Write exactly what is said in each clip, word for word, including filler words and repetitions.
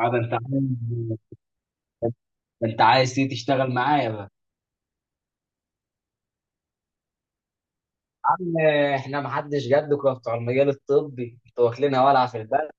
اه ده انت عايز- ده انت عايز تيجي تشتغل معايا بقى. عم، احنا ما حدش جدكم بتوع المجال الطبي، انتوا واكلينها ولعه في البلد.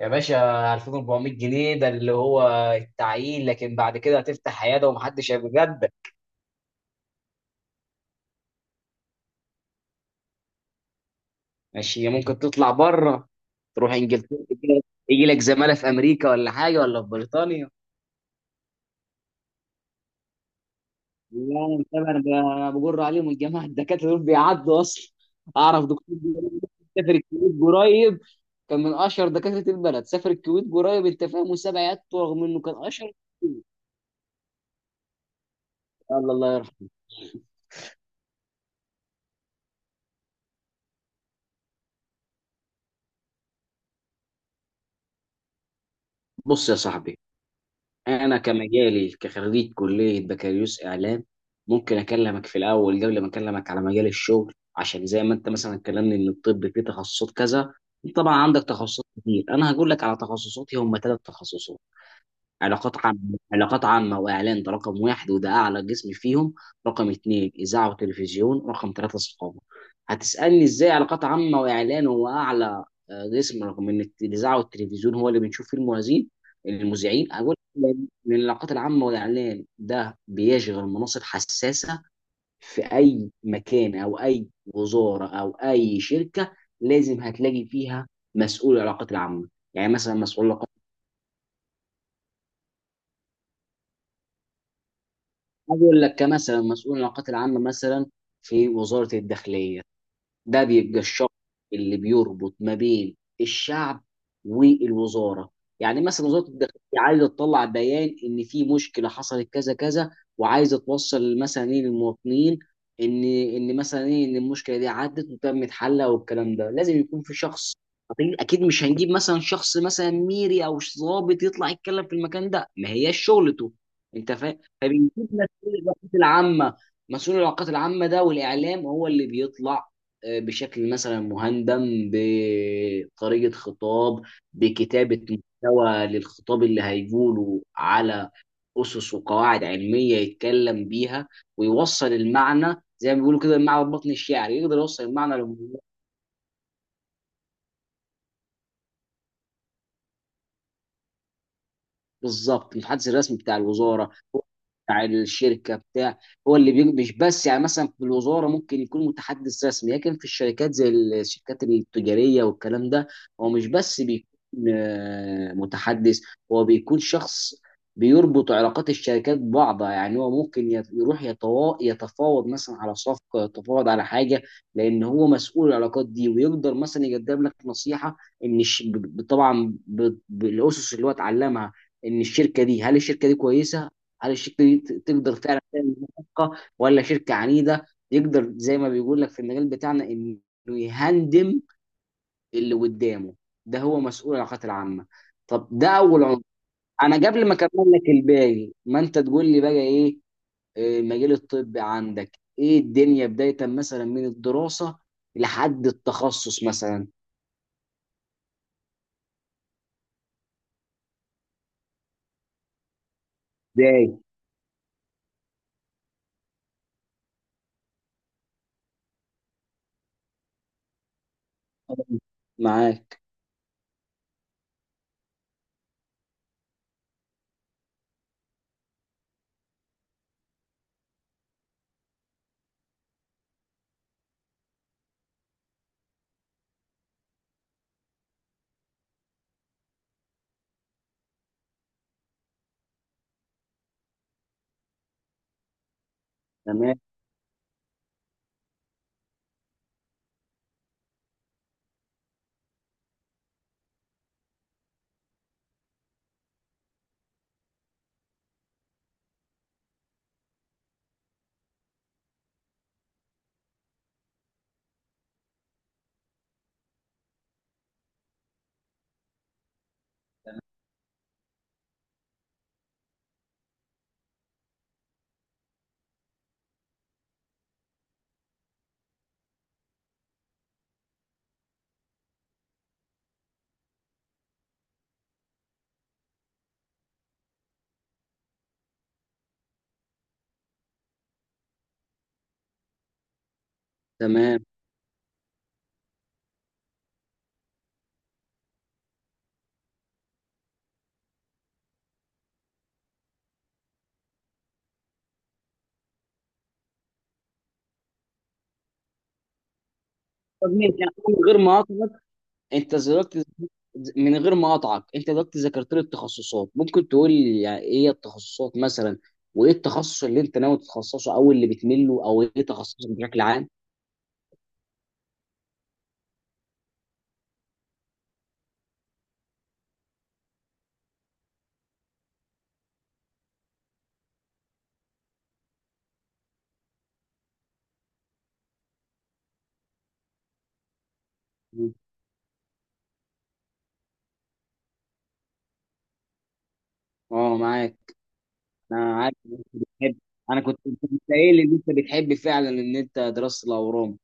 يا باشا، ألفين وأربعمية جنيه ده اللي هو التعيين، لكن بعد كده هتفتح عياده ومحدش هيبقى جدك. ماشي، ممكن تطلع بره، تروح انجلترا، يجي لك زماله في امريكا ولا حاجه، ولا في بريطانيا. لا انا متابع، انا ب- بجر عليهم الجماعه الدكاتره دول بيعدوا اصلا. اعرف دكتور بيقول لي سافر الكويت قريب، كان من اشهر دكاتره البلد، سافر الكويت قريب، انت فاهم، وساب عيادته رغم انه كان اشهر. الله، الله يرحمه. بص يا صاحبي، انا كمجالي كخريج كليه بكالوريوس اعلام، ممكن اكلمك في الاول قبل ما اكلمك على مجال الشغل، عشان زي ما انت مثلا كلمني ان الطب فيه تخصصات كذا. طبعا عندك تخصصات كتير، انا هقول لك على تخصصاتي، هم ثلاث تخصصات. علاقات عامة، علاقات عامة وإعلان، ده رقم واحد وده أعلى قسم فيهم. رقم اتنين إذاعة وتلفزيون، رقم ثلاثة ثقافة. هتسألني إزاي علاقات عامة وإعلان هو أعلى آه، قسم، رغم إن الت- الإذاعة والتلفزيون هو اللي بنشوف فيه المذيعين. المذيعين أقول لأن العلاقات العامة والإعلان ده بيشغل مناصب حساسة في أي مكان أو أي وزارة أو أي شركة، لازم هتلاقي فيها مسؤول العلاقات العامة. يعني مثلا مسؤول، عايز اقول لك كمثلا مسؤول العلاقات العامه مثلا في وزاره الداخليه، ده بيبقى الشخص اللي بيربط ما بين الشعب والوزاره. يعني مثلا وزاره الداخليه عايزه تطلع بيان ان في مشكله حصلت كذا كذا، وعايزه توصل مثلا ايه للمواطنين، ان ان مثلا ايه ان المشكله دي عدت وتمت حلها، والكلام ده لازم يكون في شخص. أكيد أكيد مش هنجيب مثلا شخص مثلا ميري أو ضابط يطلع يتكلم في المكان ده، ما هياش شغلته. أنت فاهم، فبنجيب مسؤول العلاقات العامة، مسؤول العلاقات العامة ده والإعلام هو اللي بيطلع بشكل مثلا مهندم، بطريقة خطاب، بكتابة محتوى للخطاب اللي هيقوله، على أسس وقواعد علمية يتكلم بيها، ويوصل المعنى زي ما بيقولوا كده، المعنى البطن الشعري يقدر يوصل المعنى للموضوع. بالظبط، المتحدث الرسمي بتاع الوزارة، بتاع الشركه، بتاع، هو اللي بي- مش بس يعني مثلا في الوزاره ممكن يكون متحدث رسمي، لكن في الشركات زي الشركات التجاريه والكلام ده، هو مش بس بيكون آه، متحدث، هو بيكون شخص بيربط علاقات الشركات ببعضها، يعني هو ممكن يت- يروح يتوا- يتفاوض مثلا على صفقه، يتفاوض على حاجه، لان هو مسؤول العلاقات دي، ويقدر مثلا يقدم لك نصيحه ان الش- ب- طبعا ب- بالاسس اللي هو اتعلمها، ان الشركه دي، هل الشركه دي كويسه، هل الشركه دي ت- تقدر فعلا تعمل صفقه، ولا شركه عنيده، يقدر زي ما بيقول لك في المجال بتاعنا انه يهندم اللي قدامه. ده هو مسؤول العلاقات العامه. طب ده اول عنصر. انا قبل ما اكمل لك الباقي، ما انت تقول لي بقى ايه آه، المجال الطبي عندك، ايه الدنيا بدايه مثلا من الدراسه لحد التخصص مثلا؟ ازاي؟ معاك تمام تمام. طب ماشي، أنا من غير مقاطعه، انت دلوقتي، من غير ما اقطعك، انت دلوقتي ذكرت لي التخصصات، ممكن تقول لي يعني ايه هي التخصصات مثلا، وايه التخصص اللي انت ناوي تتخصصه، او اللي بتميل له، او ايه تخصصك بشكل عام؟ اه معاك. انا عارف ان انت بتحب، انا كنت كنت قايل ان انت بتحب فعلا ان انت دراسة الاورام.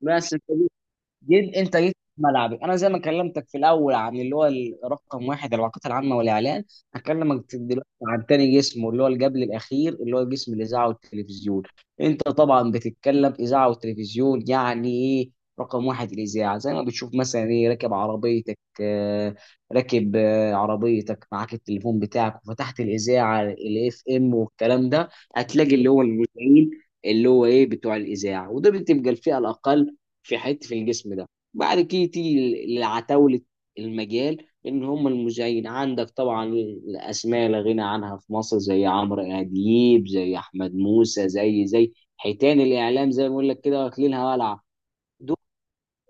بس جيت، انت جيت في ملعبي. انا زي ما كلمتك في الاول عن اللي هو رقم واحد العلاقات العامه والاعلان، هكلمك دلوقتي عن تاني جسم، واللي هو اللي قبل الاخير، اللي هو جسم الاذاعه والتلفزيون. انت طبعا بتتكلم اذاعه وتلفزيون يعني ايه. رقم واحد الاذاعه، زي ما بتشوف مثلا ايه راكب عربيتك آه، راكب آه، عربيتك معاك التليفون بتاعك وفتحت الاذاعه الاف ام والكلام ده، هتلاقي اللي هو المذيعين، اللي هو ايه بتوع الاذاعه، وده بتبقى الفئه الاقل في حته في الجسم ده. بعد كده تيجي لعتاوله المجال، ان هم المذيعين عندك طبعا الاسماء لا غنى عنها في مصر، زي عمرو اديب، زي احمد موسى، زي زي حيتان الاعلام، زي ما بقول لك كده واكلينها ولعه.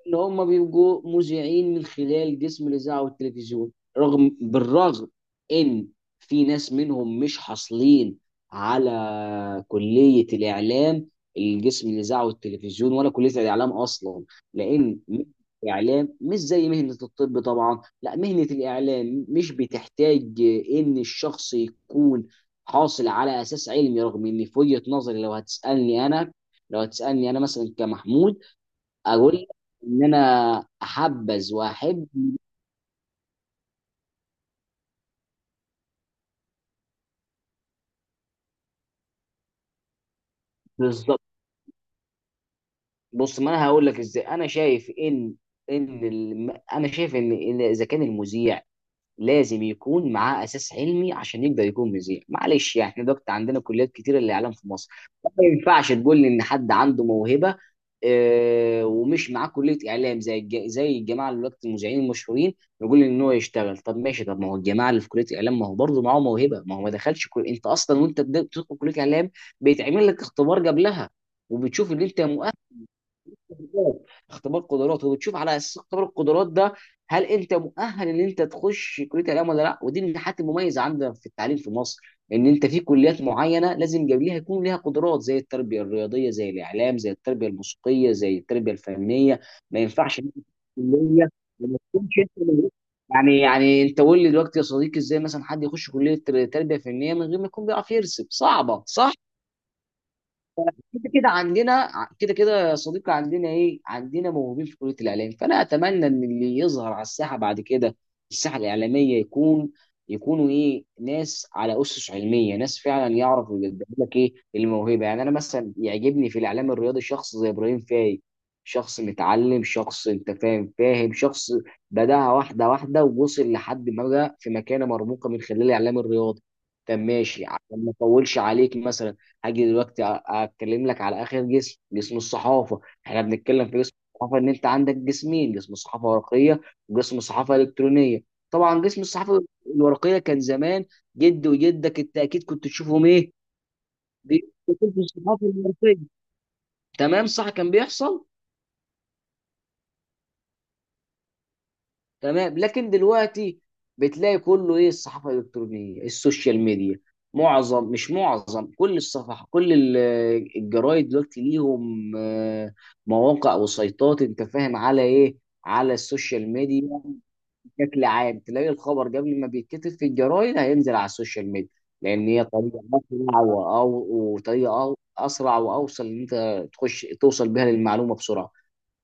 ان هم بيبقوا مذيعين من خلال جسم الاذاعه والتلفزيون، رغم بالرغم ان في ناس منهم مش حاصلين على كليه الاعلام، الجسم الاذاعه والتلفزيون ولا كليه الاعلام اصلا، لان مهنة الاعلام مش زي مهنه الطب طبعا، لا مهنه الاعلام مش بتحتاج ان الشخص يكون حاصل على اساس علمي، رغم ان في وجهه نظري، لو هتسالني انا، لو هتسالني انا مثلا كمحمود، اقول لك ان انا احبذ واحب. بالظبط. بص، ما انا هقول لك ازاي انا شايف ان ان الم... انا شايف ان إن اذا كان المذيع لازم يكون معاه اساس علمي عشان يقدر يكون مذيع، معلش يعني احنا دلوقتي عندنا كليات كتير الاعلام في مصر. ما ينفعش تقول لي ان حد عنده موهبه آه، ومش معاه كليه اعلام، زي الج- زي الجماعه اللي دلوقتي المذيعين المشهورين، يقول لي ان هو يشتغل. طب ماشي، طب ما هو الجماعه اللي في كليه اعلام، ما هو برضه معاه موهبه، ما هو ما دخلش كل... انت اصلا وانت بت- بتدخل كليه اعلام، بيتعمل لك اختبار قبلها، وبتشوف ان انت مؤهل، قدرات، اختبار قدرات، وبتشوف على اساس اختبار القدرات ده هل انت مؤهل ان انت تخش كليه الاعلام ولا لا. ودي من الحاجات المميزه عندنا في التعليم في مصر، ان انت في كليات معينه لازم قبلها يكون لها قدرات، زي التربيه الرياضيه، زي الاعلام، زي التربيه الموسيقيه، زي التربيه الفنيه. ما ينفعش إن أنت تخش كليه وما تكونش انت من- يعني يعني انت قول لي دلوقتي يا صديقي، ازاي مثلا حد يخش كليه تربيه فنيه من غير ما يكون بيعرف يرسم؟ صعبه صح. كده كده عندنا ع- كده كده يا صديقي عندنا ايه، عندنا موهوبين في كليه الاعلام، فانا اتمنى ان اللي يظهر على الساحه بعد كده، الساحه الاعلاميه، يكون، يكونوا ايه، ناس على اسس علميه، ناس فعلا يعرفوا يقدموا لك ايه الموهبه. يعني انا مثلا يعجبني في الاعلام الرياضي شخص زي ابراهيم فايق، شخص متعلم، شخص انت فاهم فاهم شخص بداها واحده واحده ووصل لحد ما بقى في مكانه مرموقه من خلال الاعلام الرياضي. طب ماشي، عشان ما اطولش عليك، مثلا هاجي دلوقتي اتكلم لك على اخر جسم، جسم الصحافه. احنا بنتكلم في جسم الصحافه، ان انت عندك جسمين، جسم صحافه ورقيه، وجسم صحافه الكترونيه. طبعا جسم الصحافه الورقيه، كان زمان جد وجدك انت اكيد كنت تشوفهم ايه بيكتبوا في الصحافه الورقيه. تمام صح، كان بيحصل. تمام، لكن دلوقتي بتلاقي كله ايه الصحافه الالكترونيه، السوشيال ميديا، معظم مش معظم، كل الصفحه، كل ال- الجرايد دلوقتي ليهم آه، مواقع وسيطات، انت فاهم على ايه، على السوشيال ميديا. بشكل عام تلاقي الخبر قبل ما بيتكتب في الجرايد، هينزل على السوشيال ميديا، لان هي طريقه اسرع وأو- وطريقه أو- اسرع واوصل، ان انت تخش توصل بها للمعلومه بسرعه.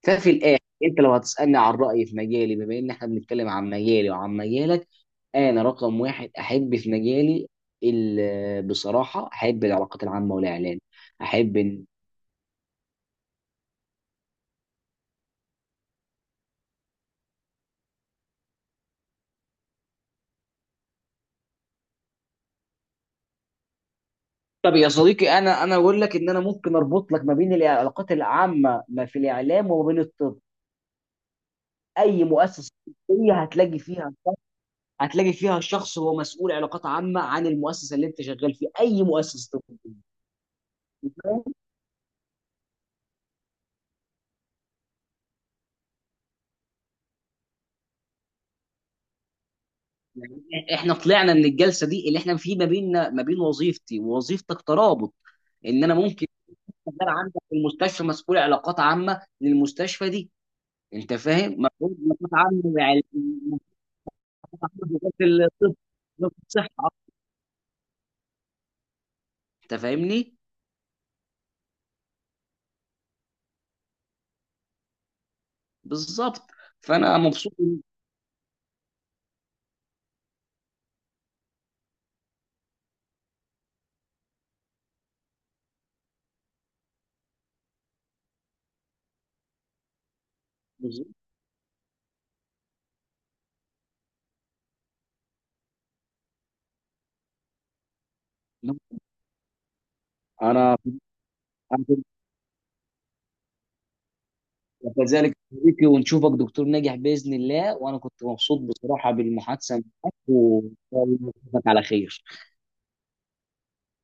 ففي الاخر انت لو هتسالني عن رايي في مجالي، بما ان احنا بنتكلم عن مجالي وعن مجالك، انا رقم واحد احب في مجالي ال- بصراحه احب العلاقات العامه والاعلان. احب ان، طب يا صديقي انا انا اقول لك ان انا ممكن اربط لك ما بين العلاقات العامه ما في الاعلام وما بين الطب. اي مؤسسه طبيه هتلاقي فيها، هتلاقي فيها شخص هو مسؤول علاقات عامه عن المؤسسه اللي انت شغال فيها، اي مؤسسه طبيه. يعني احنا طلعنا من الجلسه دي اللي احنا في ما بيننا ما بين وظيفتي ووظيفتك ترابط، ان انا ممكن شغال عندك في المستشفى مسؤول علاقات عامه للمستشفى دي. انت فاهم مسؤول علاقات عامه يعني. مسؤول علاقات الطب، وزارة الصحه، انت فاهمني. بالظبط. فانا مبسوط إن- بالظبط. انا أنا كنت- كذلك صديقي، ونشوفك دكتور ناجح باذن الله. وانا كنت مبسوط بصراحه بالمحادثه معاك، وان شاء الله نشوفك على خير.